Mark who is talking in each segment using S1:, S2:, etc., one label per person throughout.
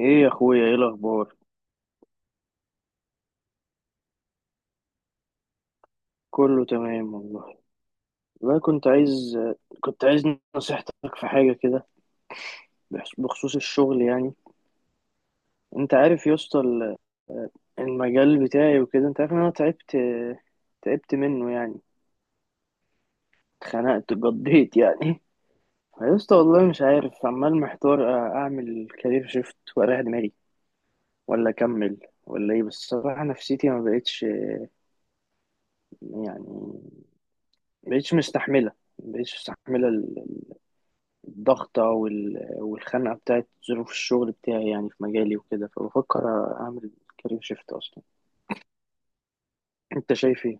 S1: ايه يا اخويا، ايه الاخبار؟ كله تمام والله. والله كنت عايز، كنت عايز نصيحتك في حاجه كده، بخصوص الشغل يعني. انت عارف يا اسطى المجال بتاعي وكده، انت عارف ان انا تعبت، منه يعني، اتخنقت، قضيت يعني. يا اسطى والله مش عارف، عمال محتار اعمل كارير شيفت واريح دماغي ولا اكمل ولا ايه. بس الصراحه نفسيتي ما بقتش، يعني ما بقتش مستحمله، ما بقتش مستحمله الضغطة والخنقة بتاعت ظروف الشغل بتاعي يعني، في مجالي وكده. فبفكر أعمل كارير شيفت أصلا. أنت شايف إيه؟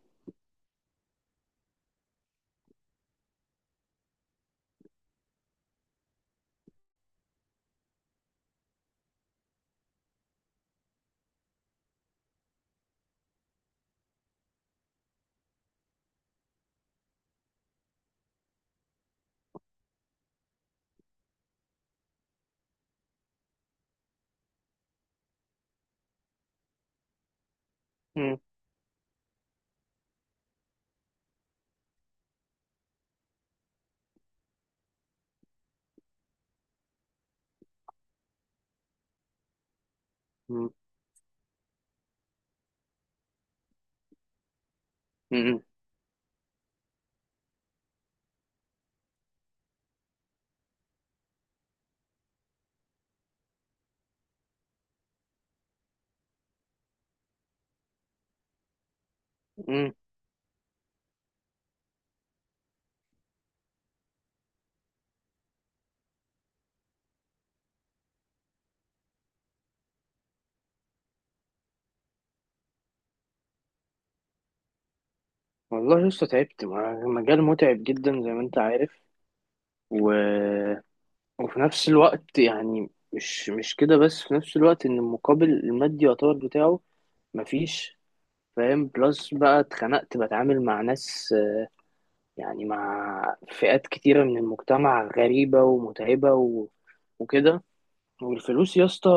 S1: مم. مم. مم. مم. والله لسه تعبت، مجال متعب جدا زي ما أنت عارف. و... وفي نفس الوقت يعني، مش كده بس، في نفس الوقت إن المقابل المادي يعتبر بتاعه مفيش، فاهم؟ بلس بقى اتخنقت، بتعامل مع ناس، آه، يعني مع فئات كتيرة من المجتمع غريبة ومتعبة وكده. والفلوس يا اسطى،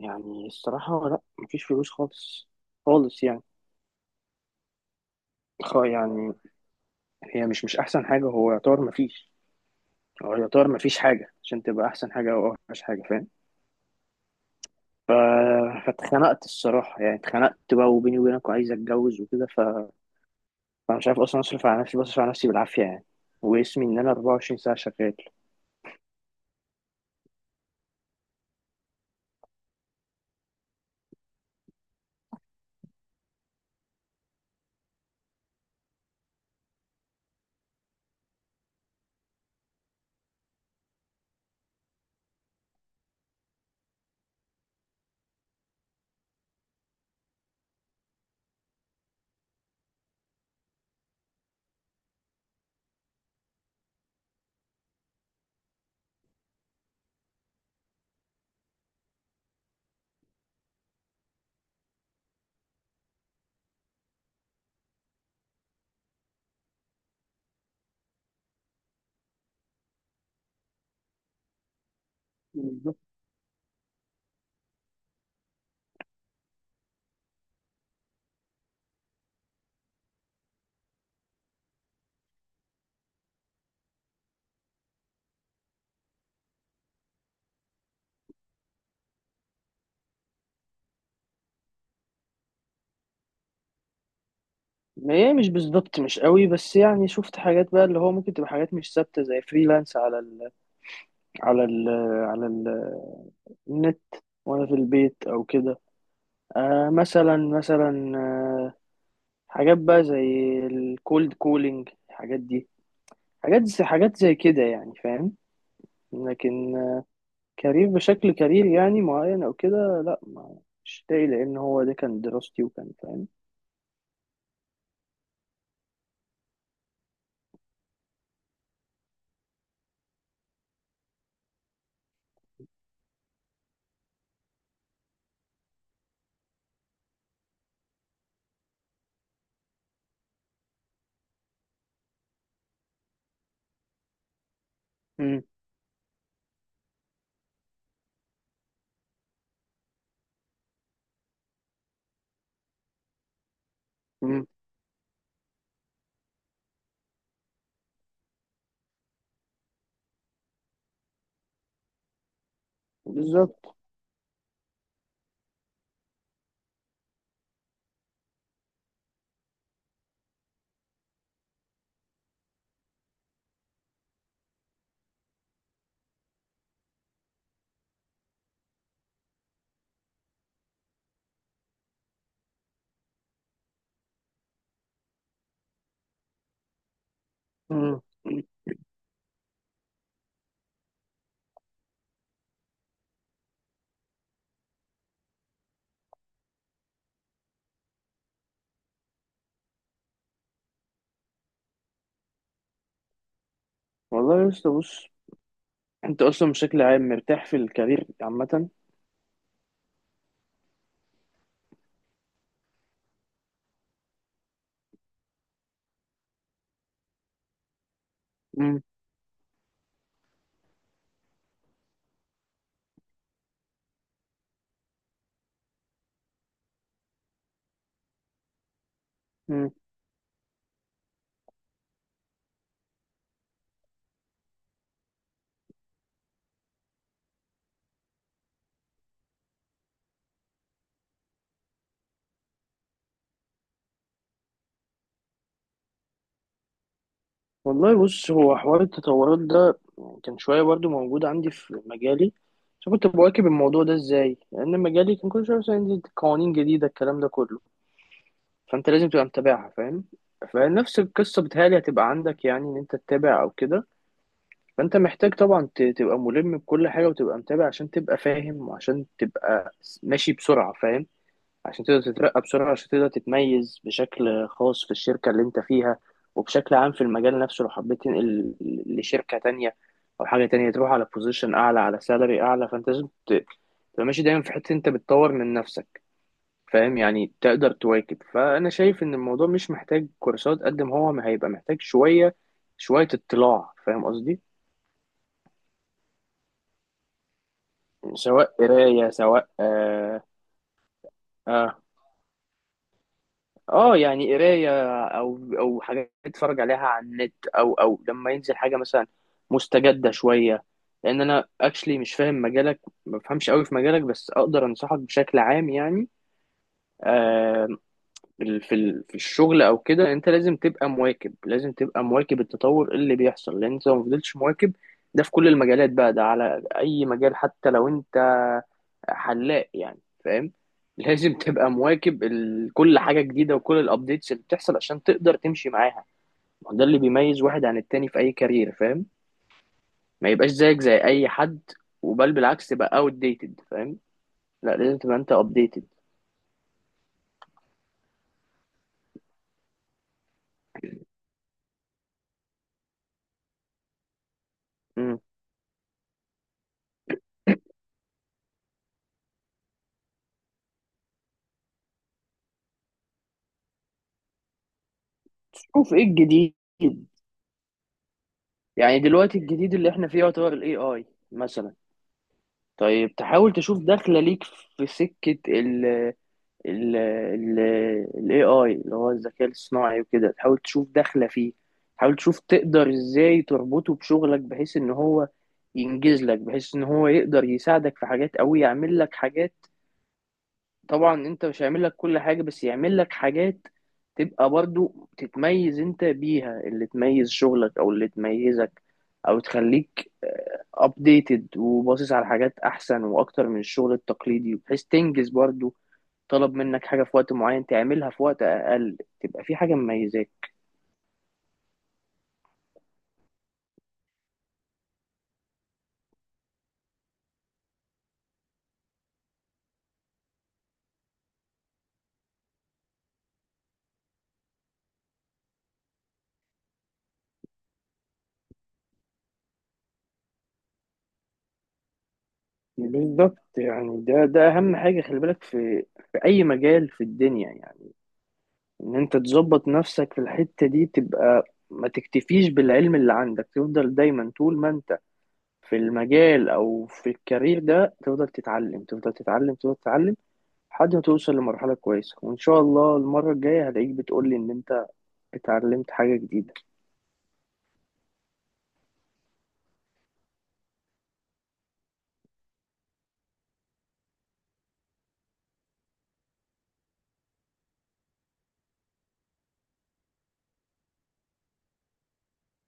S1: يعني الصراحة لا، مفيش فلوس خالص، خالص يعني. يعني هي مش أحسن حاجة، هو يعتبر مفيش، هو يعتبر مفيش حاجة عشان تبقى أحسن حاجة أو أوحش حاجة، فاهم؟ ف... فاتخنقت الصراحة يعني، اتخنقت بقى. وبيني وبينك، وعايز أتجوز وكده. فأنا مش عارف أصلا أصرف على نفسي، بصرف على نفسي بالعافية يعني، واسمي إن أنا 24 ساعة شغال. بالظبط. ما هي مش بالظبط مش قوي، بس يعني شفت حاجات بقى اللي هو ممكن تبقى حاجات مش ثابتة، زي فريلانس على على ال ال النت، وانا في البيت او كده. آه مثلا، آه، حاجات بقى زي الكولد كولينج، الحاجات دي، حاجات زي كده يعني، فاهم؟ لكن آه، كارير بشكل كارير يعني معين او كده، لا ما مش لاقي، لان هو ده كان دراستي وكان، فاهم؟ مم. مم. بالظبط. مم. مم. والله يا اسطى بص، انت اصلا بشكل عام مرتاح في الكارير عامه؟ مم. مم. والله بص، هو حوار التطورات ده كان شوية برضو موجود عندي في مجالي، بس كنت بواكب الموضوع ده ازاي؟ لأن مجالي كان كل شوية مثلا ينزل قوانين جديدة، الكلام ده كله، فأنت لازم تبقى متابعها، فاهم؟ فنفس القصة بتهيألي هتبقى عندك، يعني إن أنت تتابع أو كده. فأنت محتاج طبعا، تبقى ملم بكل حاجة وتبقى متابع، عشان تبقى فاهم وعشان تبقى ماشي بسرعة، فاهم؟ عشان تقدر تترقى بسرعة، عشان تقدر تتميز بشكل خاص في الشركة اللي انت فيها، وبشكل عام في المجال نفسه. لو حبيت تنقل لشركة تانية أو حاجة تانية، تروح على بوزيشن أعلى، على سالري أعلى، فأنت لازم تبقى ماشي دايما في حتة أنت بتطور من نفسك، فاهم يعني؟ تقدر تواكب. فأنا شايف إن الموضوع مش محتاج كورسات، قد ما هو ما هيبقى محتاج شوية، اطلاع، فاهم قصدي؟ سواء قراية، سواء آه، آه، اه يعني قرايه، او حاجات اتفرج عليها على النت، او لما ينزل حاجه مثلا مستجده شويه. لان انا اكشلي مش فاهم مجالك، ما بفهمش قوي في مجالك، بس اقدر انصحك بشكل عام يعني. آه، في الشغل او كده، انت لازم تبقى مواكب، لازم تبقى مواكب التطور اللي بيحصل، لان انت لو ما فضلتش مواكب، ده في كل المجالات بقى، ده على اي مجال، حتى لو انت حلاق يعني، فاهم؟ لازم تبقى مواكب كل حاجة جديدة وكل الابديتس اللي بتحصل عشان تقدر تمشي معاها. ما هو ده اللي بيميز واحد عن التاني في اي كارير، فاهم؟ ما يبقاش زيك زي اي حد، بالعكس تبقى outdated، فاهم؟ لا، لازم تبقى انت updated. مم. تشوف ايه الجديد. يعني دلوقتي الجديد اللي احنا فيه يعتبر الاي اي مثلا. طيب تحاول تشوف داخله ليك في سكه ال الاي اي اللي هو الذكاء الصناعي وكده، تحاول تشوف داخله فيه. تحاول تشوف تقدر ازاي تربطه بشغلك، بحيث ان هو ينجز لك، بحيث ان هو يقدر يساعدك في حاجات او يعمل لك حاجات. طبعا انت، مش هيعمل لك كل حاجة، بس يعمل لك حاجات تبقى برضو تتميز انت بيها، اللي تميز شغلك او اللي تميزك، او تخليك ابديتد وباصص على حاجات احسن واكتر من الشغل التقليدي، بحيث تنجز برضو، طلب منك حاجة في وقت معين، تعملها في وقت اقل، تبقى في حاجة مميزاك. بالظبط. يعني ده اهم حاجه، خلي بالك في في اي مجال في الدنيا يعني، ان انت تظبط نفسك في الحتة دي، تبقى ما تكتفيش بالعلم اللي عندك، تفضل دايما طول ما انت في المجال او في الكارير ده تفضل تتعلم، تفضل تتعلم، تفضل تتعلم، لحد ما توصل لمرحلة كويسة. وان شاء الله المرة الجاية هلاقيك بتقولي ان انت اتعلمت حاجة جديدة.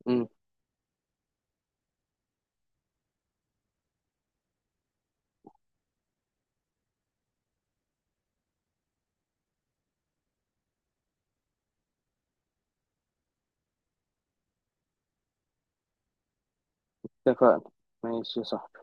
S1: مم. اتفقنا. ماشي يا صاحبي.